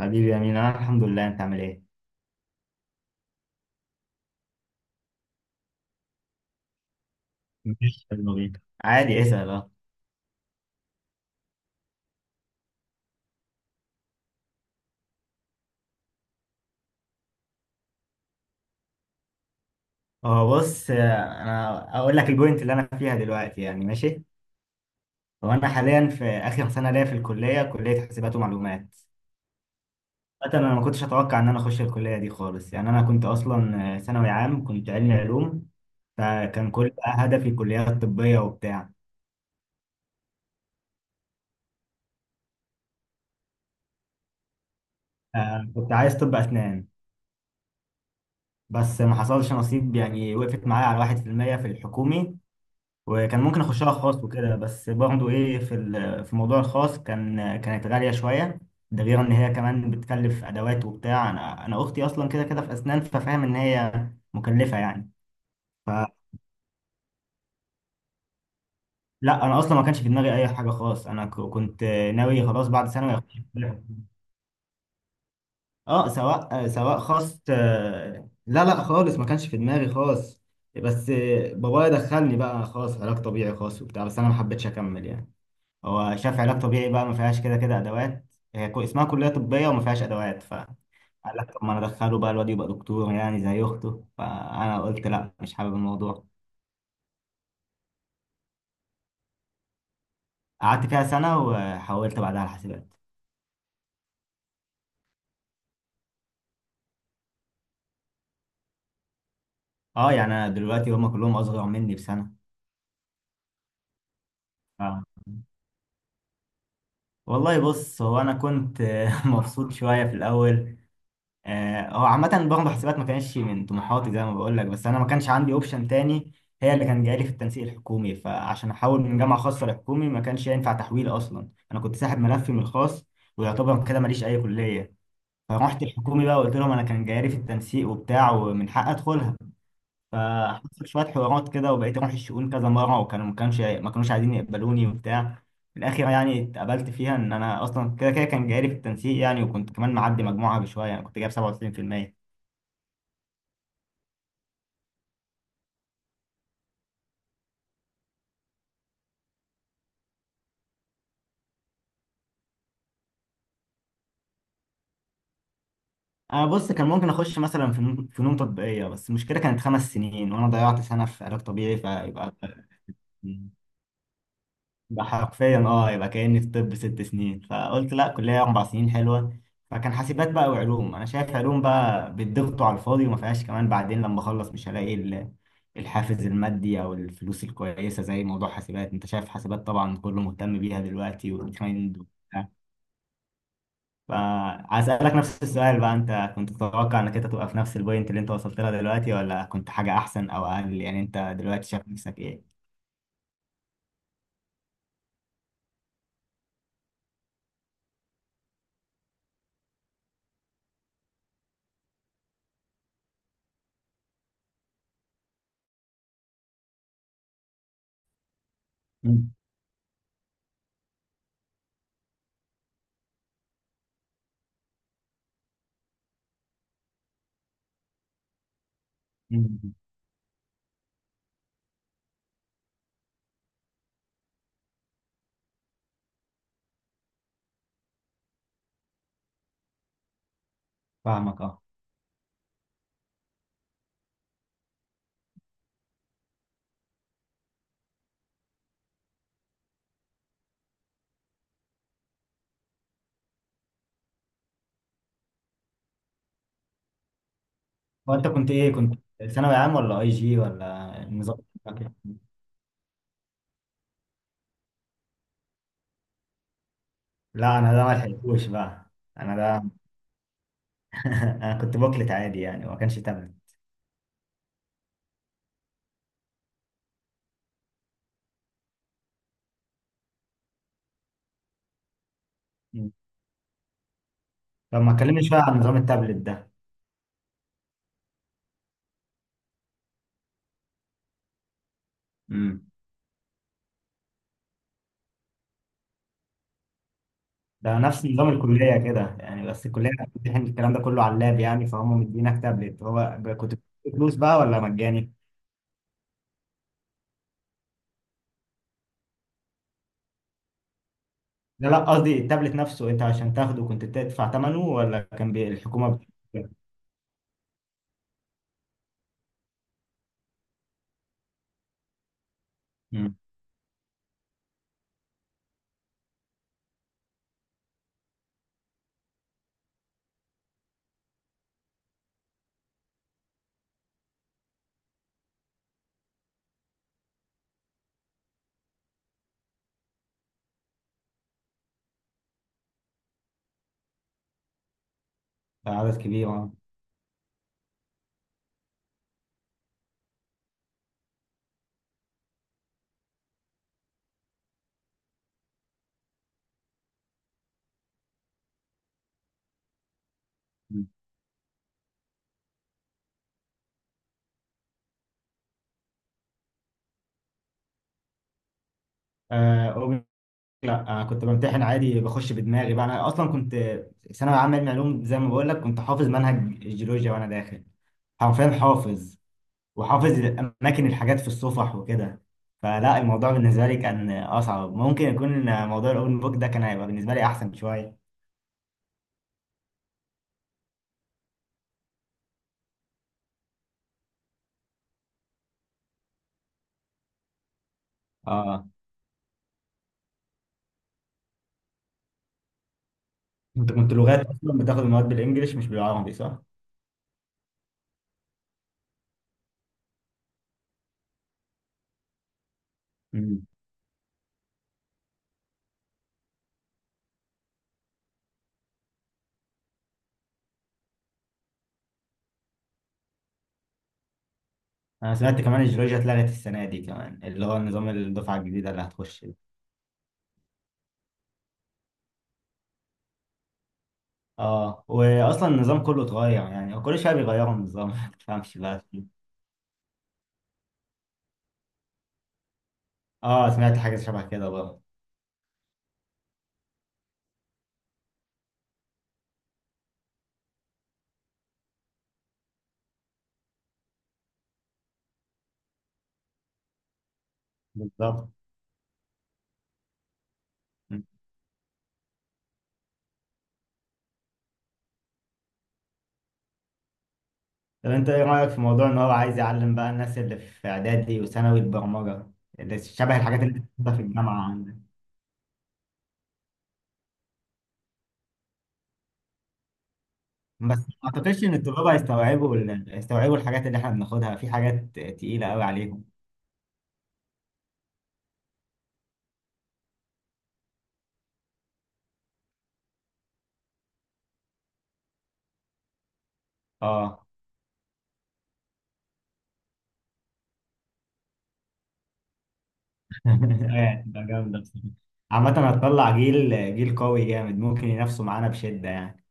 حبيبي يا مين، انا الحمد لله، انت عامل ايه؟ مفيش، يلا بينا عادي، اسال اه. هو بص، انا اقول لك البوينت اللي انا فيها دلوقتي يعني ماشي. هو انا حاليا في اخر سنه ليا في الكليه، كليه حاسبات ومعلومات. مثلا انا ما كنتش اتوقع ان انا اخش الكليه دي خالص يعني، انا كنت اصلا ثانوي عام، كنت علمي علوم. فكان كل بقى هدفي كليات طبيه وبتاع. كنت عايز طب اسنان. بس ما حصلش نصيب يعني، وقفت معايا على 1% في المية في الحكومي. وكان ممكن اخشها خاص وكده، بس برضه ايه في موضوع الخاص كانت غاليه شويه. ده غير ان هي كمان بتكلف ادوات وبتاع. انا اختي اصلا كده كده في اسنان، ففاهم ان هي مكلفه يعني. فلا، انا اصلا ما كانش في دماغي اي حاجه خاص، انا كنت ناوي خلاص بعد ثانوي اخش كلية. اه، سواء خاص، لا لا خالص، ما كانش في دماغي خاص. بس بابايا دخلني بقى خاص علاج طبيعي، خاص وبتاع، بس انا ما حبيتش اكمل يعني. هو شاف علاج طبيعي بقى ما فيهاش كده كده ادوات، هي اسمها كليه طبيه وما فيهاش ادوات، فقال لك طب ما انا ادخله بقى الواد يبقى دكتور يعني زي اخته. فانا قلت لا، مش حابب الموضوع. قعدت فيها سنه وحولت بعدها على حاسبات. اه يعني انا دلوقتي هم كلهم اصغر مني بسنه. ف- والله بص، هو انا كنت مبسوط شويه في الاول. هو عامة برضه حسابات ما كانش من طموحاتي زي ما بقول لك، بس أنا ما كانش عندي أوبشن تاني. هي اللي كان جايلي في التنسيق الحكومي، فعشان أحول من جامعة خاصة لحكومي ما كانش ينفع تحويل، أصلا أنا كنت ساحب ملفي من الخاص، ويعتبر كده ماليش أي كلية. فرحت الحكومي بقى وقلت لهم أنا كان جايلي في التنسيق وبتاع ومن حق أدخلها. فحصل شوية حوارات كده وبقيت أروح الشؤون كذا مرة، وكانوا ما كانوش عايزين يقبلوني وبتاع. في الآخر يعني اتقبلت فيها، إن أنا أصلا كده كده كان جايلي في التنسيق يعني، وكنت كمان معدي مجموعة بشوية يعني، كنت جايب 97%. انا بص كان ممكن اخش مثلا في فنون تطبيقيه، بس المشكله كانت 5 سنين وانا ضيعت سنه في علاج طبيعي، فيبقى يبقى حرفيا اه، يبقى كاني في طب 6 سنين، فقلت لا، كليه 4 سنين حلوه. فكان حاسبات بقى. وعلوم، انا شايف علوم بقى بتضغطوا على الفاضي وما فيهاش كمان بعدين لما اخلص مش هلاقي الحافز المادي او الفلوس الكويسه زي موضوع حاسبات. انت شايف حاسبات طبعا كله مهتم بيها دلوقتي والترند. فعايز نفس السؤال بقى، انت كنت تتوقع انك انت تبقى في نفس البوينت اللي انت وصلت لها دلوقتي ولا كنت حاجة احسن او اقل؟ يعني انت دلوقتي شايف نفسك ايه؟ مم. مم. فاهمك اه. وانت كنت ثانوي عام ولا اي جي ولا النظام بتاعك إيه؟ لا، انا ده ما لحقتوش بقى. انا ده انا كنت بوكلت عادي يعني، وما كانش تابلت. مم. طب ما تكلمني شوية عن نظام التابلت ده. امم ده نفس نظام الكلية كده يعني، بس الكلية بتمتحن الكلام ده كله على اللاب يعني، فهم مدينك تابلت. هو كنت بتدفع فلوس بقى ولا مجاني؟ لا لا، قصدي التابلت نفسه، انت عشان تاخده كنت بتدفع ثمنه ولا كان الحكومة بت-. مم. ده عدد كبير اه. مم. آه، أوبن- لا، كنت بمتحن عادي، بخش بدماغي بقى. انا اصلا كنت ثانوي عام علم علوم زي ما بقول لك، كنت حافظ منهج الجيولوجيا وانا داخل، حرفيا حافظ، وحافظ اماكن الحاجات في الصفح وكده. فلا الموضوع بالنسبه لي كان اصعب، ممكن يكون موضوع الاوبن بوك ده كان هيبقى بالنسبه لي احسن شويه. اه، انت كنت لغات اصلا بتاخد المواد بالانجلش مش بالعربي، صح؟ امم. انا سمعت كمان الجيولوجيا اتلغت السنه دي، كمان اللي هو نظام الدفعه الجديده اللي هتخش دي. اه، واصلا النظام كله اتغير، يعني هو كل شويه بيغيروا النظام ما تفهمش بقى فيه. اه، سمعت حاجه شبه كده برضه. بالظبط. طب انت ايه رأيك في موضوع ان هو عايز يعلم بقى الناس اللي في اعدادي وثانوي البرمجة، اللي شبه الحاجات اللي بتاخدها في الجامعة عندك؟ بس ما اعتقدش ان الطلاب هيستوعبوا الحاجات اللي احنا بناخدها، في حاجات تقيلة قوي عليهم. اه. ايه ده، جامدة بصراحة. عامة هتطلع جيل قوي جامد، ممكن ينافسوا معانا بشدة يعني.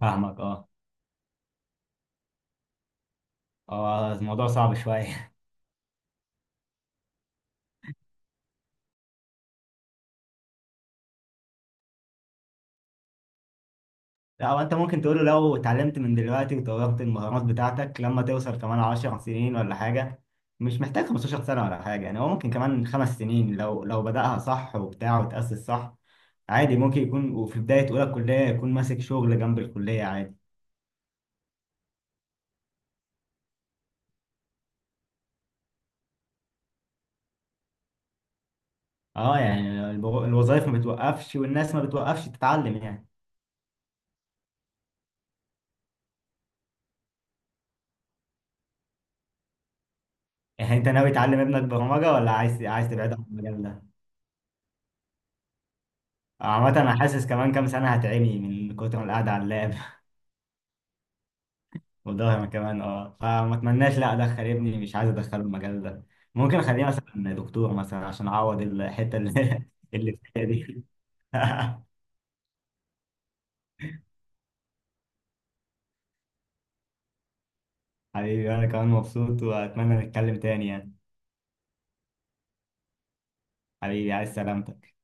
فاهمك اه. اه الموضوع صعب شوية. لا، هو انت ممكن تقوله لو اتعلمت من دلوقتي وطورت المهارات بتاعتك، لما توصل كمان 10 سنين ولا حاجة. مش محتاج 15 سنة ولا حاجة يعني، هو ممكن كمان 5 سنين لو بدأها صح وبتاع وتأسس صح. عادي ممكن يكون، وفي بداية أولى الكلية يكون ماسك شغل جنب الكلية عادي. اه يعني الوظائف ما بتوقفش والناس ما بتوقفش تتعلم يعني. يعني انت ناوي تعلم ابنك برمجة ولا عايز تبعده عن المجال ده؟ عامة انا حاسس كمان كام سنة هتعمي من كتر القعدة على اللاب. وده أنا كمان اه، فما اتمناش لا ادخل ابني، مش عايز ادخله المجال ده. ممكن اخليه مثلا دكتور مثلا عشان اعوض الحته اللي اللي فيها دي. حبيبي، انا كمان مبسوط واتمنى نتكلم تاني يعني. حبيبي، عايز سلامتك.